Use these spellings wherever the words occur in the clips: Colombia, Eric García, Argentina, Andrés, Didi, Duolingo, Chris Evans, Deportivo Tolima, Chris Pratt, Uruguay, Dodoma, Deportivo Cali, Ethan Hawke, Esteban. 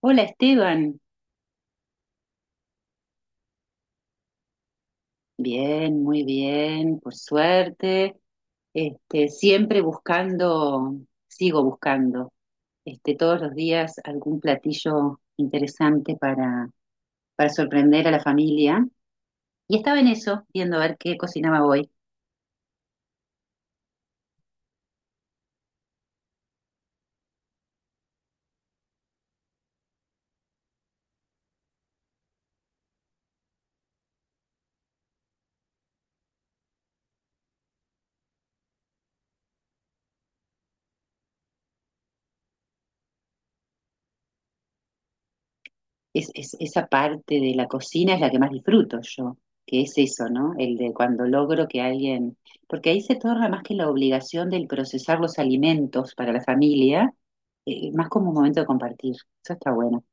Hola Esteban, bien, muy bien, por suerte. Siempre buscando, sigo buscando, todos los días algún platillo interesante para sorprender a la familia. Y estaba en eso, viendo a ver qué cocinaba hoy. Esa parte de la cocina es la que más disfruto yo, que es eso, ¿no? El de cuando logro que alguien, porque ahí se torna más que la obligación del procesar los alimentos para la familia, más como un momento de compartir. Eso está bueno.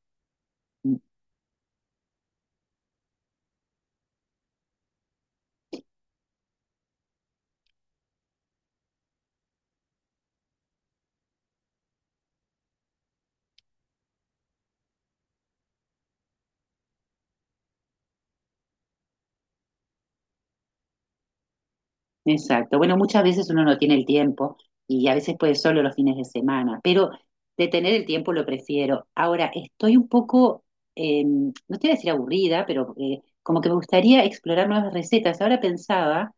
Mm. Exacto. Bueno, muchas veces uno no tiene el tiempo y a veces puede solo los fines de semana, pero de tener el tiempo lo prefiero. Ahora, estoy un poco, no te voy a decir aburrida, pero como que me gustaría explorar nuevas recetas. Ahora pensaba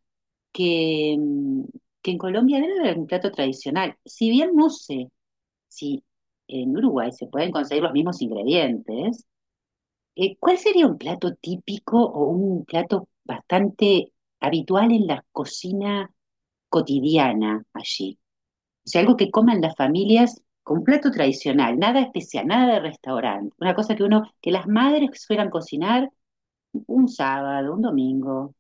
que, que en Colombia debe haber un plato tradicional. Si bien no sé si en Uruguay se pueden conseguir los mismos ingredientes, ¿cuál sería un plato típico o un plato bastante habitual en la cocina cotidiana allí? O sea, algo que coman las familias, con plato tradicional, nada especial, nada de restaurante. Una cosa que las madres suelen cocinar un sábado, un domingo.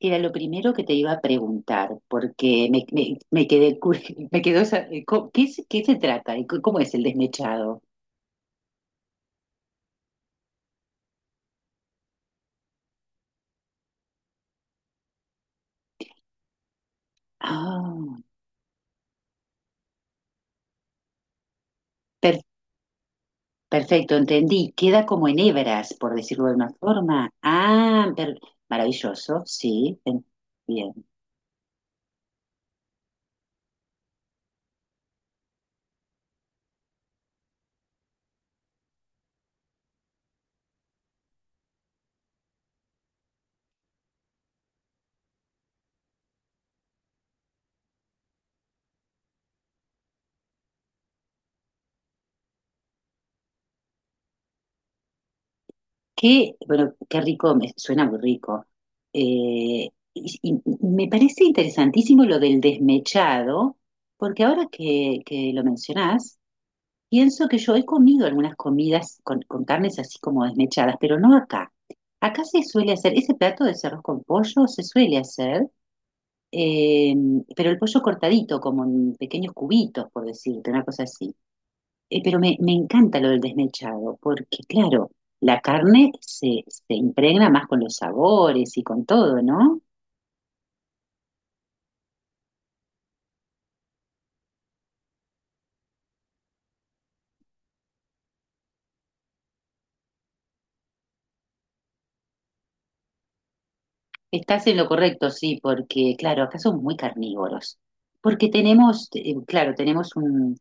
Era lo primero que te iba a preguntar, porque me quedé, cu- me quedó esa, ¿qué, es- qué se trata? ¿Y cu- ¿Cómo es el desmechado? Ah, per- perfecto, entendí. Queda como en hebras, por decirlo de una forma. Ah, per- maravilloso, sí. En- bien. Qué, bueno, qué rico, me, suena muy rico. Y me parece interesantísimo lo del desmechado, porque ahora que lo mencionás, pienso que yo he comido algunas comidas con carnes así como desmechadas, pero no acá. Acá se suele hacer, ese plato de arroz con pollo se suele hacer, eh, pero el pollo cortadito, como en pequeños cubitos, por decirte, una cosa así. Pero me encanta lo del desmechado, porque claro, la carne se impregna más con los sabores y con todo, ¿no? Estás en lo correcto, sí, porque claro, acá somos muy carnívoros, porque tenemos, claro,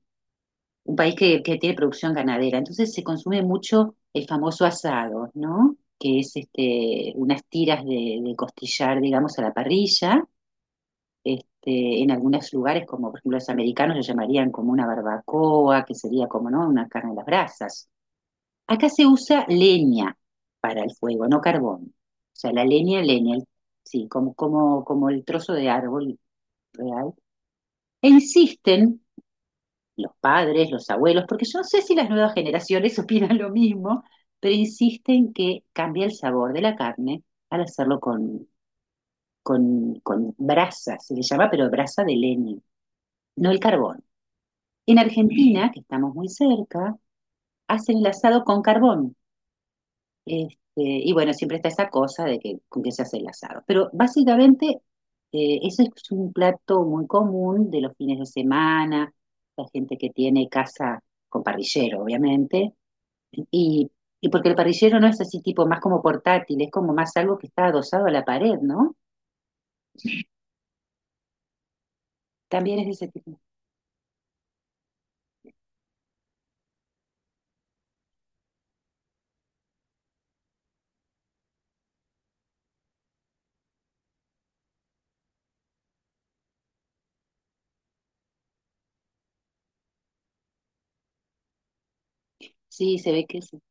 un país que tiene producción ganadera. Entonces se consume mucho el famoso asado, ¿no? Que es este, unas tiras de costillar, digamos, a la parrilla. En algunos lugares, como por ejemplo los americanos, lo llamarían como una barbacoa, que sería como, ¿no? Una carne a las brasas. Acá se usa leña para el fuego, no carbón. O sea, la leña, leña, el- sí, como el trozo de árbol real. E insisten los padres, los abuelos, porque yo no sé si las nuevas generaciones opinan lo mismo, pero insisten que cambia el sabor de la carne al hacerlo con brasa, se le llama, pero brasa de leña, no el carbón. En Argentina, que estamos muy cerca, hacen el asado con carbón. Y bueno, siempre está esa cosa de que con qué se hace el asado. Pero básicamente eso es un plato muy común de los fines de semana, la gente que tiene casa con parrillero, obviamente. Y, y porque el parrillero no es así tipo más como portátil, es como más algo que está adosado a la pared, ¿no? También es de ese tipo. Sí, se ve que sí.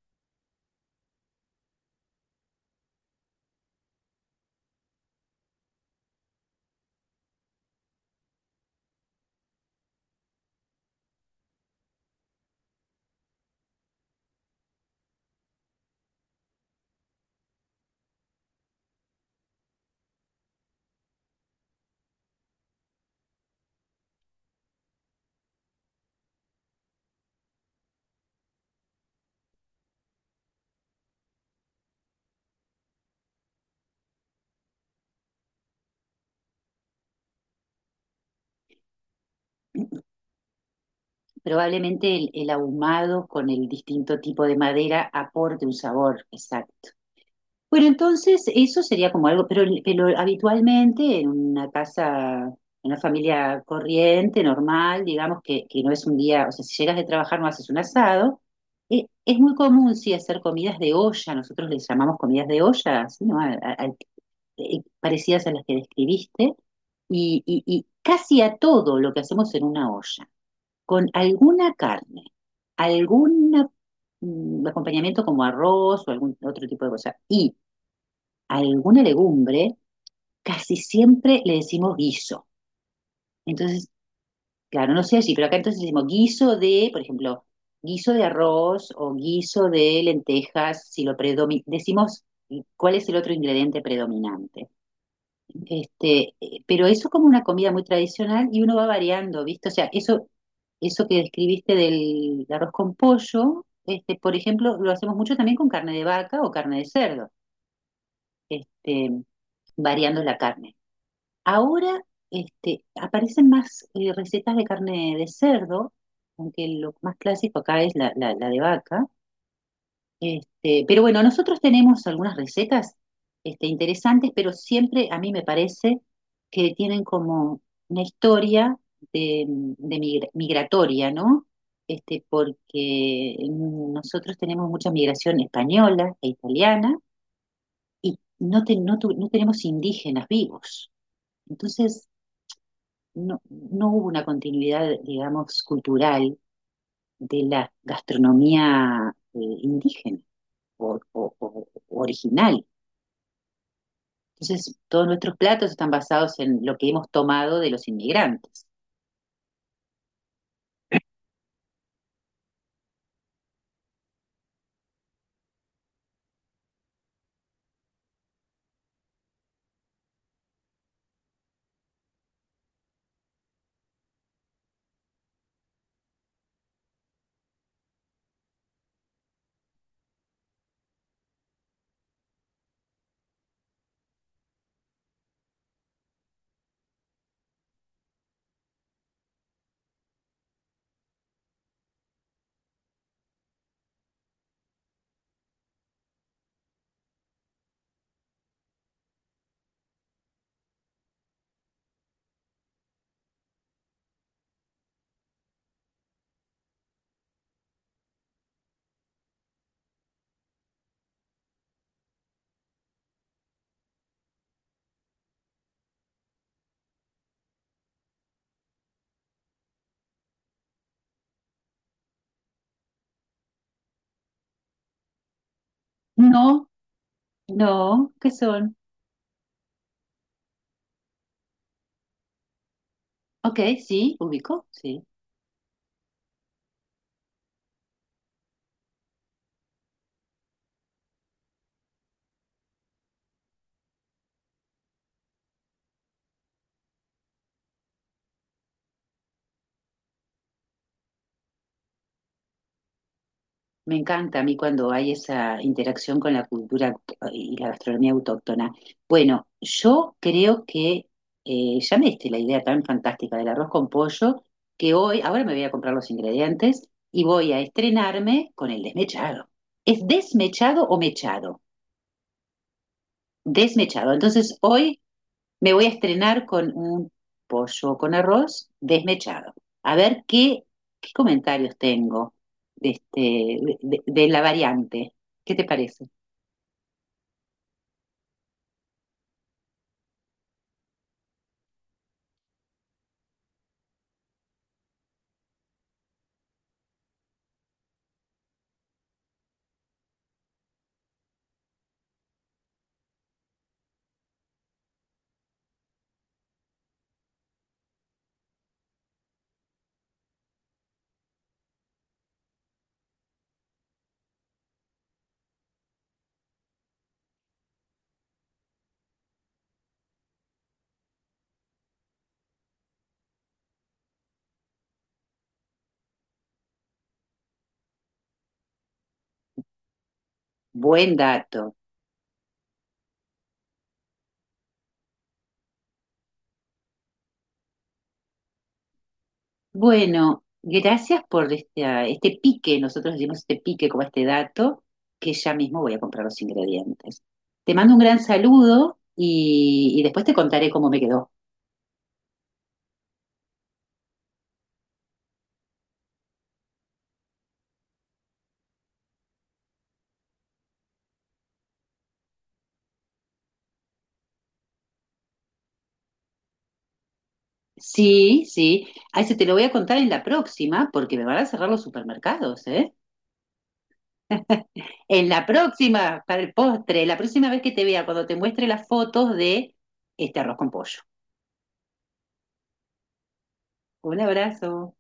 Probablemente el ahumado con el distinto tipo de madera aporte un sabor, exacto. Bueno, entonces eso sería como algo, pero habitualmente en una casa, en una familia corriente, normal, digamos que no es un día, o sea, si llegas de trabajar no haces un asado. Es muy común sí hacer comidas de olla, nosotros les llamamos comidas de olla, ¿sí? ¿no? Parecidas a las que describiste, y casi a todo lo que hacemos en una olla, con alguna carne, algún acompañamiento como arroz o algún otro tipo de cosa, y alguna legumbre, casi siempre le decimos guiso. Entonces, claro, no sé así, pero acá entonces decimos guiso de, por ejemplo, guiso de arroz o guiso de lentejas, si lo predomina, decimos cuál es el otro ingrediente predominante. Pero eso como una comida muy tradicional y uno va variando, ¿viste? O sea, eso que describiste del arroz con pollo, por ejemplo, lo hacemos mucho también con carne de vaca o carne de cerdo, este, variando la carne. Ahora aparecen más recetas de carne de cerdo, aunque lo más clásico acá es la de vaca. Pero bueno, nosotros tenemos algunas recetas interesantes, pero siempre a mí me parece que tienen como una historia de migratoria, ¿no? Porque nosotros tenemos mucha migración española e italiana y no tenemos indígenas vivos. Entonces, no hubo una continuidad, digamos, cultural de la gastronomía indígena o original. Entonces, todos nuestros platos están basados en lo que hemos tomado de los inmigrantes. No, no, ¿qué son? Ok, sí, ubico, sí. Me encanta a mí cuando hay esa interacción con la cultura auto- y la gastronomía autóctona. Bueno, yo creo que ya me diste la idea tan fantástica del arroz con pollo que hoy, ahora me voy a comprar los ingredientes y voy a estrenarme con el desmechado. ¿Es desmechado o mechado? Desmechado. Entonces hoy me voy a estrenar con un pollo con arroz desmechado. A ver qué, qué comentarios tengo de de la variante. ¿Qué te parece? Buen dato. Bueno, gracias por este pique. Nosotros decimos este pique como este dato, que ya mismo voy a comprar los ingredientes. Te mando un gran saludo y después te contaré cómo me quedó. Sí, sí. A ese te lo voy a contar en la próxima, porque me van a cerrar los supermercados, ¿eh? En la próxima, para el postre, la próxima vez que te vea, cuando te muestre las fotos de este arroz con pollo. Un abrazo.